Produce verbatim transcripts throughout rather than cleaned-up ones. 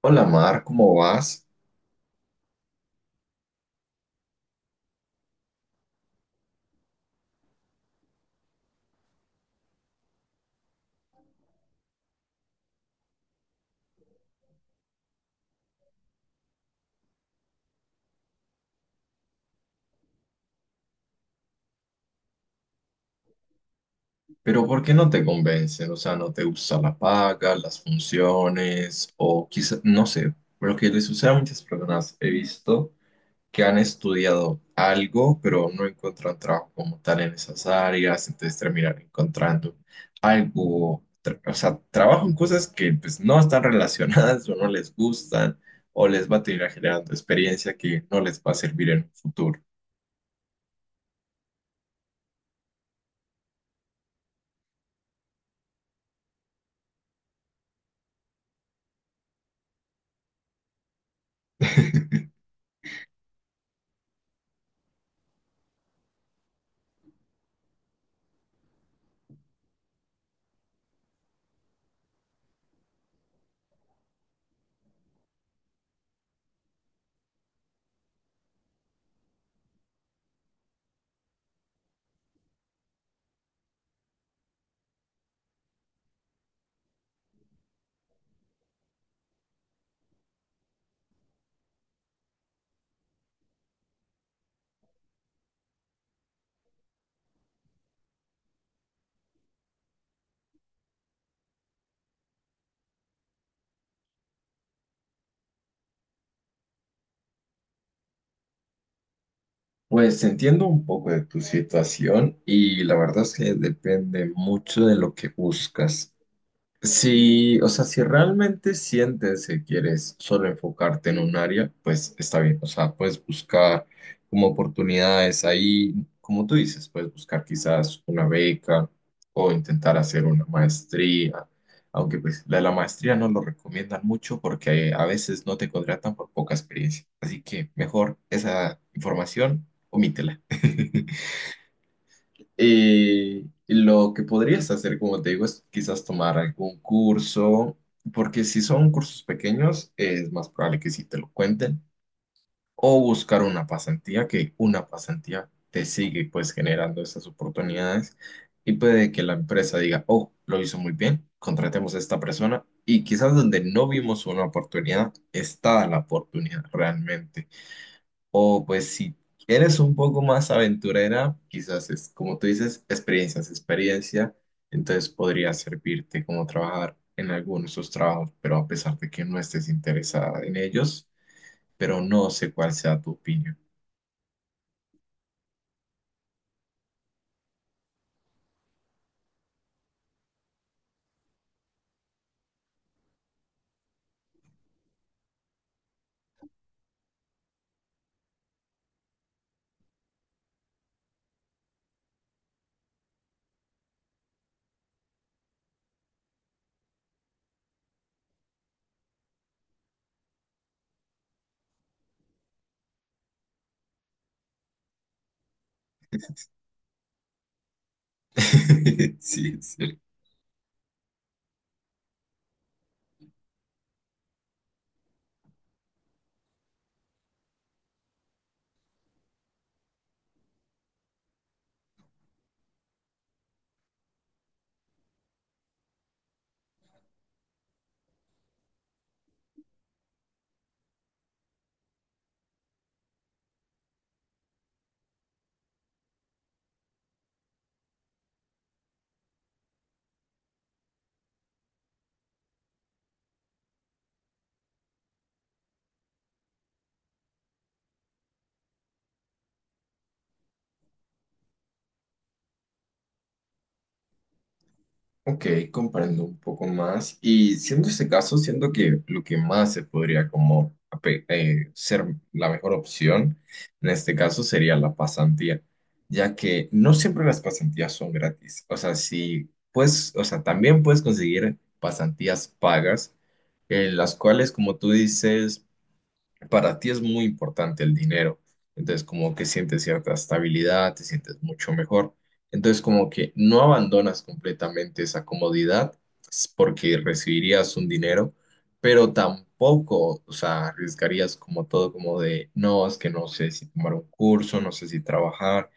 Hola Mar, ¿cómo vas? Pero ¿por qué no te convencen? O sea, ¿no te gusta la paga, las funciones? O quizás, no sé, lo que les sucede a muchas personas he visto que han estudiado algo, pero no encuentran trabajo como tal en esas áreas, entonces terminan encontrando algo, tra- o sea, trabajo en cosas que pues no están relacionadas o no les gustan, o les va a terminar generando experiencia que no les va a servir en un futuro. Pues entiendo un poco de tu situación y la verdad es que depende mucho de lo que buscas. Si, o sea, si realmente sientes que quieres solo enfocarte en un área, pues está bien. O sea, puedes buscar como oportunidades ahí, como tú dices, puedes buscar quizás una beca o intentar hacer una maestría, aunque pues la de la maestría no lo recomiendan mucho porque a veces no te contratan por poca experiencia. Así que mejor esa información, omítela. Eh, lo que podrías hacer, como te digo, es quizás tomar algún curso, porque si son cursos pequeños, es más probable que sí te lo cuenten, o buscar una pasantía, que una pasantía te sigue pues generando esas oportunidades y puede que la empresa diga, oh, lo hizo muy bien, contratemos a esta persona y quizás donde no vimos una oportunidad, está la oportunidad realmente. O pues si eres un poco más aventurera, quizás es, como tú dices, experiencias, experiencia, entonces podría servirte como trabajar en algunos de esos trabajos, pero a pesar de que no estés interesada en ellos, pero no sé cuál sea tu opinión. Sí, sí. Ok, comprendo un poco más. Y siendo este caso, siento que lo que más se podría como ape- eh, ser la mejor opción en este caso sería la pasantía, ya que no siempre las pasantías son gratis. O sea, si pues, o sea, también puedes conseguir pasantías pagas, en las cuales, como tú dices, para ti es muy importante el dinero. Entonces, como que sientes cierta estabilidad, te sientes mucho mejor. Entonces, como que no abandonas completamente esa comodidad s- porque recibirías un dinero, pero tampoco, o sea, arriesgarías como todo, como de, no, es que no sé si tomar un curso, no sé si trabajar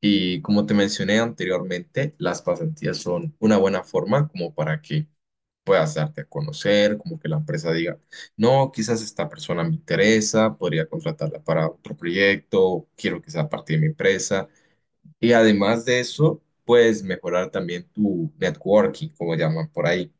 y como te mencioné anteriormente, las pasantías son una buena forma como para que puedas darte a conocer, como que la empresa diga, no, quizás esta persona me interesa, podría contratarla para otro proyecto, quiero que sea parte de mi empresa. Y además de eso, puedes mejorar también tu networking, como llaman por ahí,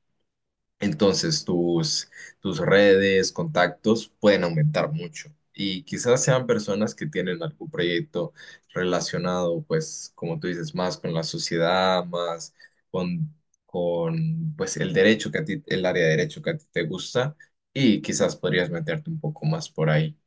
entonces tus, tus redes, contactos pueden aumentar mucho y quizás sean personas que tienen algún proyecto relacionado, pues, como tú dices, más con la sociedad, más con, con pues, el derecho que a ti, el área de derecho que a ti te gusta y quizás podrías meterte un poco más por ahí.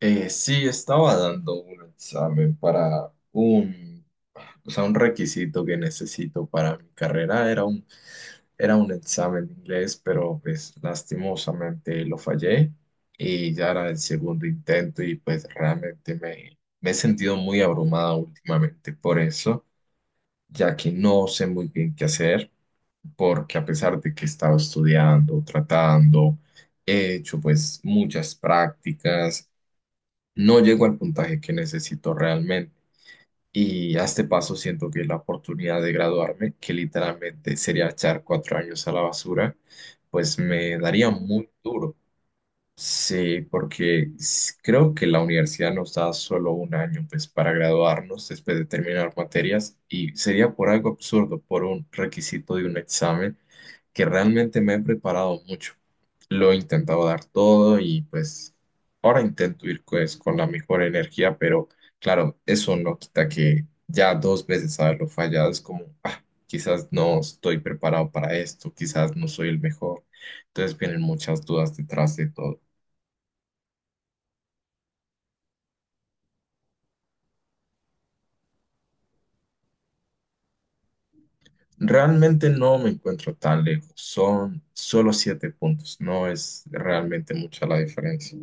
Eh, sí, estaba dando un examen para un, o sea, un requisito que necesito para mi carrera. Era un, era un examen de inglés, pero pues lastimosamente lo fallé y ya era el segundo intento y pues realmente me, me he sentido muy abrumada últimamente por eso, ya que no sé muy bien qué hacer, porque a pesar de que he estado estudiando, tratando, he hecho pues muchas prácticas, no llego al puntaje que necesito realmente. Y a este paso siento que la oportunidad de graduarme, que literalmente sería echar cuatro años a la basura, pues me daría muy duro. Sí, porque s- creo que la universidad nos da solo un año pues para graduarnos después de terminar materias y sería por algo absurdo, por un requisito de un examen que realmente me he preparado mucho. Lo he intentado dar todo y pues ahora intento ir pues con la mejor energía, pero claro, eso no quita que ya dos veces haberlo fallado es como, ah, quizás no estoy preparado para esto, quizás no soy el mejor. Entonces vienen muchas dudas detrás de todo. Realmente no me encuentro tan lejos, son solo siete puntos, no es realmente mucha la diferencia.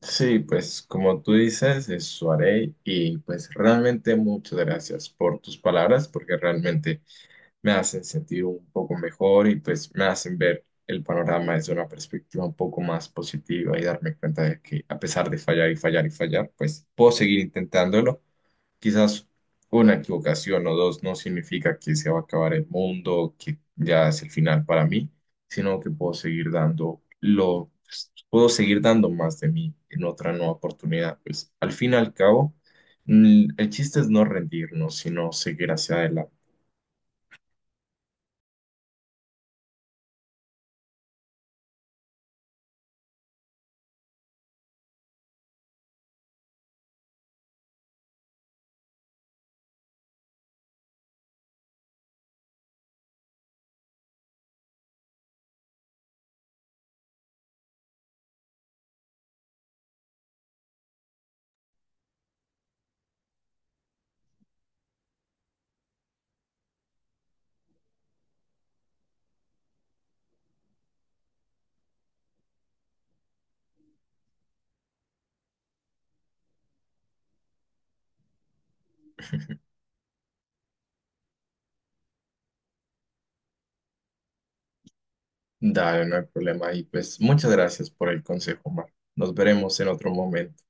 Sí, pues como tú dices, eso haré y pues realmente muchas gracias por tus palabras porque realmente me hacen sentir un poco mejor y pues me hacen ver el panorama desde una perspectiva un poco más positiva y darme cuenta de que a pesar de fallar y fallar y fallar, pues puedo seguir intentándolo. Quizás una equivocación o dos no significa que se va a acabar el mundo, que ya es el final para mí, sino que puedo seguir dando lo, puedo seguir dando más de mí en otra nueva oportunidad. Pues al fin y al cabo, mm, el chiste es no rendirnos, sino seguir hacia adelante. Dale, no hay problema. Y pues muchas gracias por el consejo, Mar. Nos veremos en otro momento.